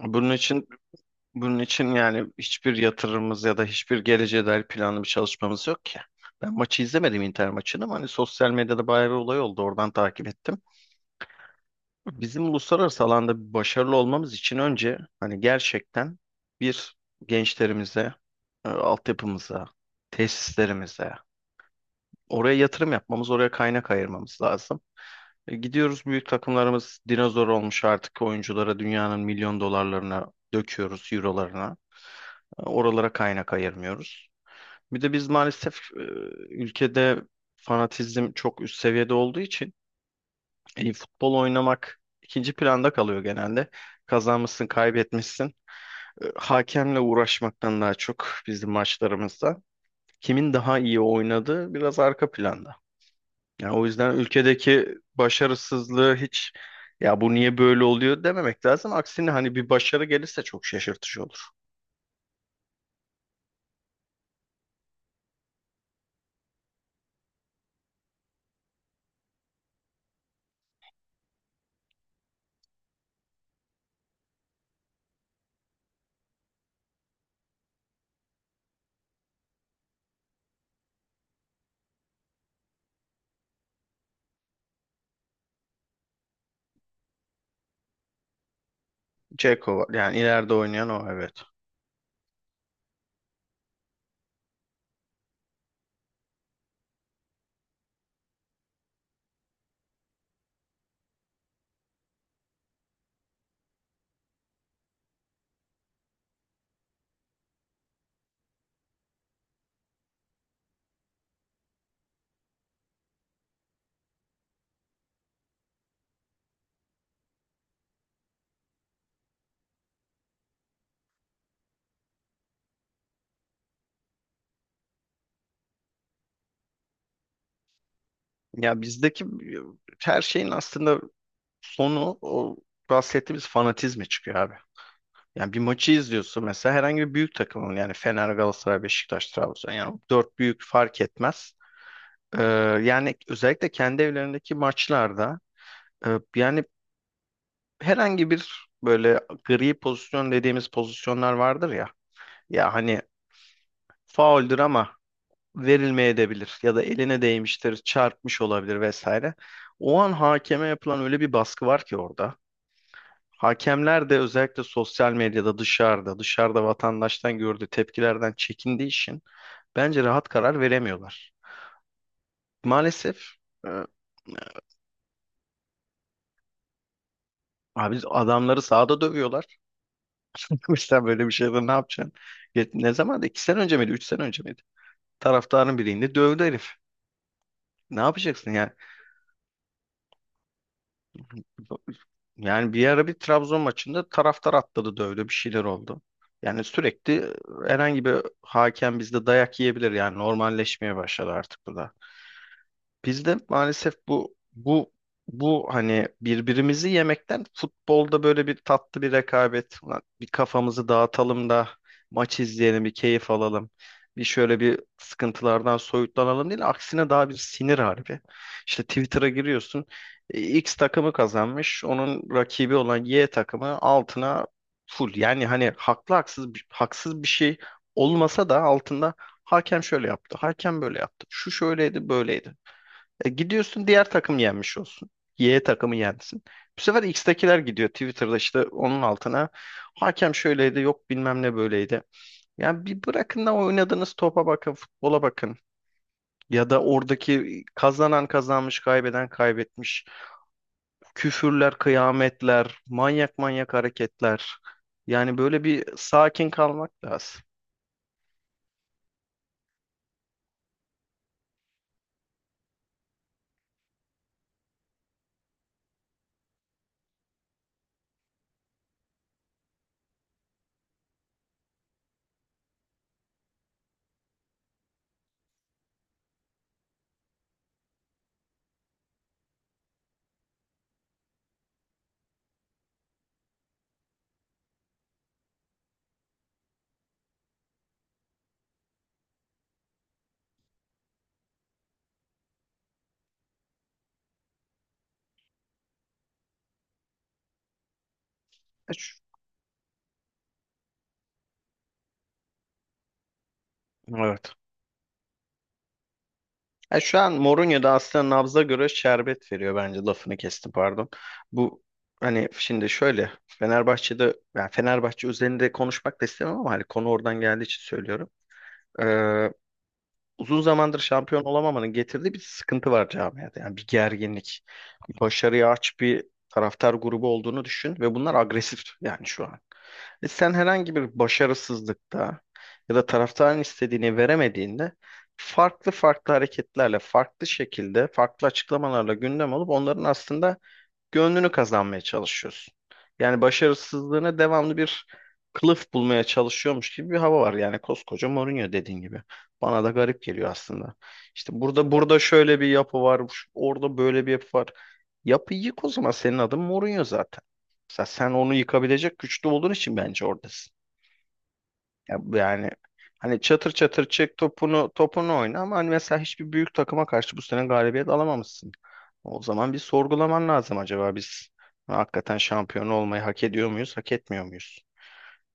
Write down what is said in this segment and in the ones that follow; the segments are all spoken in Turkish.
Bunun için bunun için yani hiçbir yatırımımız ya da hiçbir geleceğe dair planlı bir çalışmamız yok ki. Ben maçı izlemedim Inter maçını ama hani sosyal medyada bayağı bir olay oldu. Oradan takip ettim. Bizim uluslararası alanda başarılı olmamız için önce hani gerçekten bir gençlerimize, altyapımıza, tesislerimize oraya yatırım yapmamız, oraya kaynak ayırmamız lazım. Gidiyoruz büyük takımlarımız dinozor olmuş artık oyunculara dünyanın milyon dolarlarına döküyoruz, eurolarına. Oralara kaynak ayırmıyoruz. Bir de biz maalesef ülkede fanatizm çok üst seviyede olduğu için futbol oynamak ikinci planda kalıyor genelde. Kazanmışsın, kaybetmişsin. Hakemle uğraşmaktan daha çok bizim maçlarımızda kimin daha iyi oynadığı biraz arka planda. Yani o yüzden ülkedeki başarısızlığı hiç ya bu niye böyle oluyor dememek lazım. Aksine hani bir başarı gelirse çok şaşırtıcı olur. Ceko var. Yani ileride oynayan o, evet. Ya bizdeki her şeyin aslında sonu o bahsettiğimiz fanatizme çıkıyor abi. Yani bir maçı izliyorsun mesela herhangi bir büyük takımın yani Fener, Galatasaray, Beşiktaş, Trabzon yani dört büyük fark etmez. Ee, yani özellikle kendi evlerindeki maçlarda yani herhangi bir böyle gri pozisyon dediğimiz pozisyonlar vardır ya. Ya hani fauldür ama verilmeyebilir ya da eline değmiştir, çarpmış olabilir vesaire. O an hakeme yapılan öyle bir baskı var ki orada. Hakemler de özellikle sosyal medyada dışarıda vatandaştan gördüğü tepkilerden çekindiği için bence rahat karar veremiyorlar. Maalesef e, abi adamları sahada dövüyorlar. Sen böyle bir şeyde ne yapacaksın? Ne zaman? İki sene önce miydi? Üç sene önce miydi? Taraftarın birliğinde dövdü herif. Ne yapacaksın yani? Yani bir ara bir Trabzon maçında taraftar atladı dövdü bir şeyler oldu. Yani sürekli herhangi bir hakem bizde dayak yiyebilir yani normalleşmeye başladı artık bu da. Biz de maalesef bu hani birbirimizi yemekten futbolda böyle bir tatlı bir rekabet, ulan bir kafamızı dağıtalım da maç izleyelim, bir keyif alalım. Bir şöyle bir sıkıntılardan soyutlanalım değil, aksine daha bir sinir harbi. İşte Twitter'a giriyorsun, X takımı kazanmış, onun rakibi olan Y takımı altına full. Yani hani haklı haksız haksız bir şey olmasa da altında hakem şöyle yaptı, hakem böyle yaptı, şu şöyleydi, böyleydi. Gidiyorsun diğer takım yenmiş olsun. Y takımı yensin. Bu sefer X'tekiler gidiyor Twitter'da işte onun altına. Hakem şöyleydi yok bilmem ne böyleydi. Yani bir bırakın da oynadığınız topa bakın, futbola bakın. Ya da oradaki kazanan kazanmış, kaybeden kaybetmiş. Küfürler, kıyametler, manyak manyak hareketler. Yani böyle bir sakin kalmak lazım. E, şu- Evet. Ya şu an Mourinho da aslında nabza göre şerbet veriyor bence, lafını kestim pardon. Bu hani şimdi şöyle Fenerbahçe'de yani Fenerbahçe üzerinde konuşmak da istemem ama hani konu oradan geldiği için söylüyorum. Ee, uzun zamandır şampiyon olamamanın getirdiği bir sıkıntı var camiada. Yani bir gerginlik, bir başarıya aç bir taraftar grubu olduğunu düşün ve bunlar agresif yani şu an. Ve sen herhangi bir başarısızlıkta ya da taraftarın istediğini veremediğinde farklı farklı hareketlerle, farklı şekilde, farklı açıklamalarla gündem olup onların aslında gönlünü kazanmaya çalışıyorsun. Yani başarısızlığına devamlı bir kılıf bulmaya çalışıyormuş gibi bir hava var. Yani koskoca Mourinho dediğin gibi. Bana da garip geliyor aslında. İşte burada şöyle bir yapı var, orada böyle bir yapı var. Yapıyı yık o zaman, senin adın Mourinho zaten. Mesela sen onu yıkabilecek güçlü olduğun için bence oradasın. Ya bu yani hani çatır çatır çek topunu oyna ama hani mesela hiçbir büyük takıma karşı bu sene galibiyet alamamışsın. O zaman bir sorgulaman lazım, acaba biz hakikaten şampiyon olmayı hak ediyor muyuz, hak etmiyor muyuz?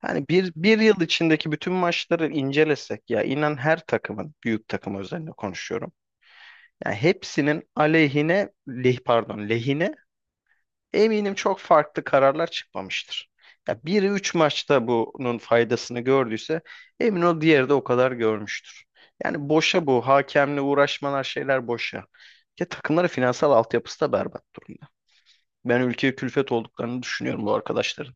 Yani bir yıl içindeki bütün maçları incelesek ya inan her takımın, büyük takım özelinde konuşuyorum. Yani hepsinin aleyhine, pardon, lehine eminim çok farklı kararlar çıkmamıştır. Ya biri 3 maçta bunun faydasını gördüyse emin ol diğeri de o kadar görmüştür. Yani boşa bu hakemle uğraşmalar, şeyler boşa. Ya takımların finansal altyapısı da berbat durumda. Ben ülkeye külfet olduklarını düşünüyorum bu arkadaşların.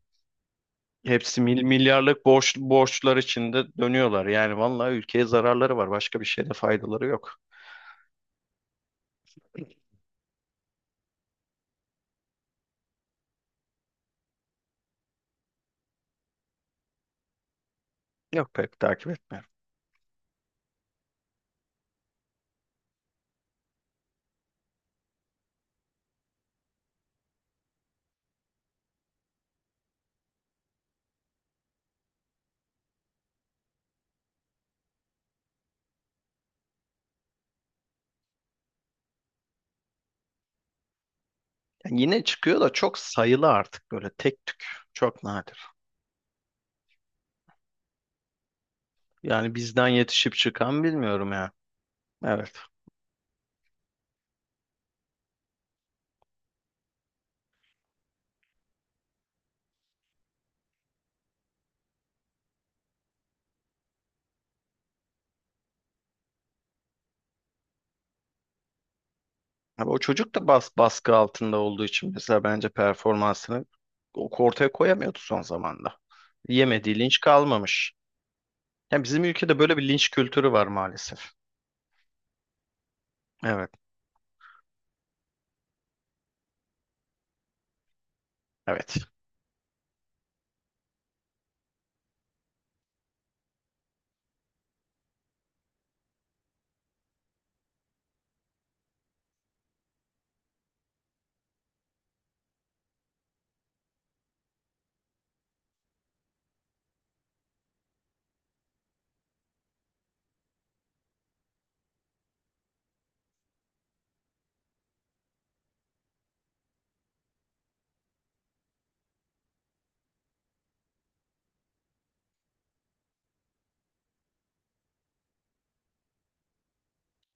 Hepsi milyarlık borç, borçlar içinde dönüyorlar. Yani vallahi ülkeye zararları var. Başka bir şeyde faydaları yok. Yok, pek takip etmiyorum. Yani yine çıkıyor da çok sayılı artık böyle tek tük. Çok nadir. Yani bizden yetişip çıkan bilmiyorum ya. Evet. Abi o çocuk da baskı altında olduğu için mesela bence performansını ortaya koyamıyordu son zamanda. Yemediği linç kalmamış. Yani bizim ülkede böyle bir linç kültürü var maalesef. Evet, evet.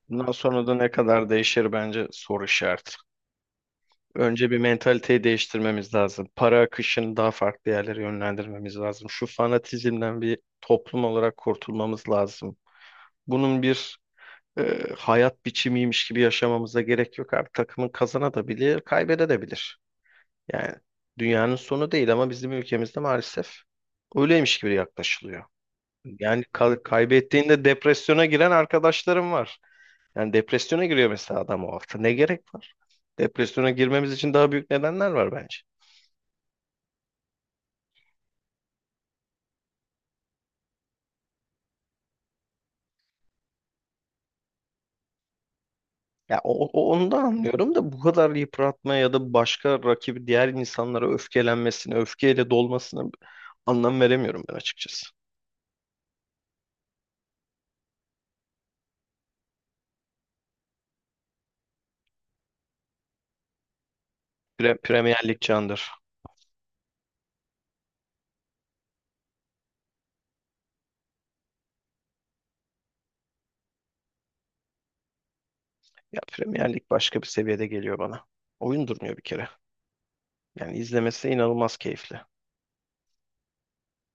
Bundan sonra da ne kadar değişir bence soru işareti. Önce bir mentaliteyi değiştirmemiz lazım. Para akışını daha farklı yerlere yönlendirmemiz lazım. Şu fanatizmden bir toplum olarak kurtulmamız lazım. Bunun bir hayat biçimiymiş gibi yaşamamıza gerek yok. Artık takımın kazanabilir, kaybedebilir. Yani dünyanın sonu değil ama bizim ülkemizde maalesef öyleymiş gibi yaklaşılıyor. Yani kaybettiğinde depresyona giren arkadaşlarım var. Yani depresyona giriyor mesela adam o hafta. Ne gerek var? Depresyona girmemiz için daha büyük nedenler var bence. Ya onu da anlıyorum da bu kadar yıpratma ya da başka rakibi diğer insanlara öfkelenmesine, öfkeyle dolmasına anlam veremiyorum ben açıkçası. Premier Lig candır. Ya Premier Lig başka bir seviyede geliyor bana. Oyun durmuyor bir kere. Yani izlemesi inanılmaz keyifli.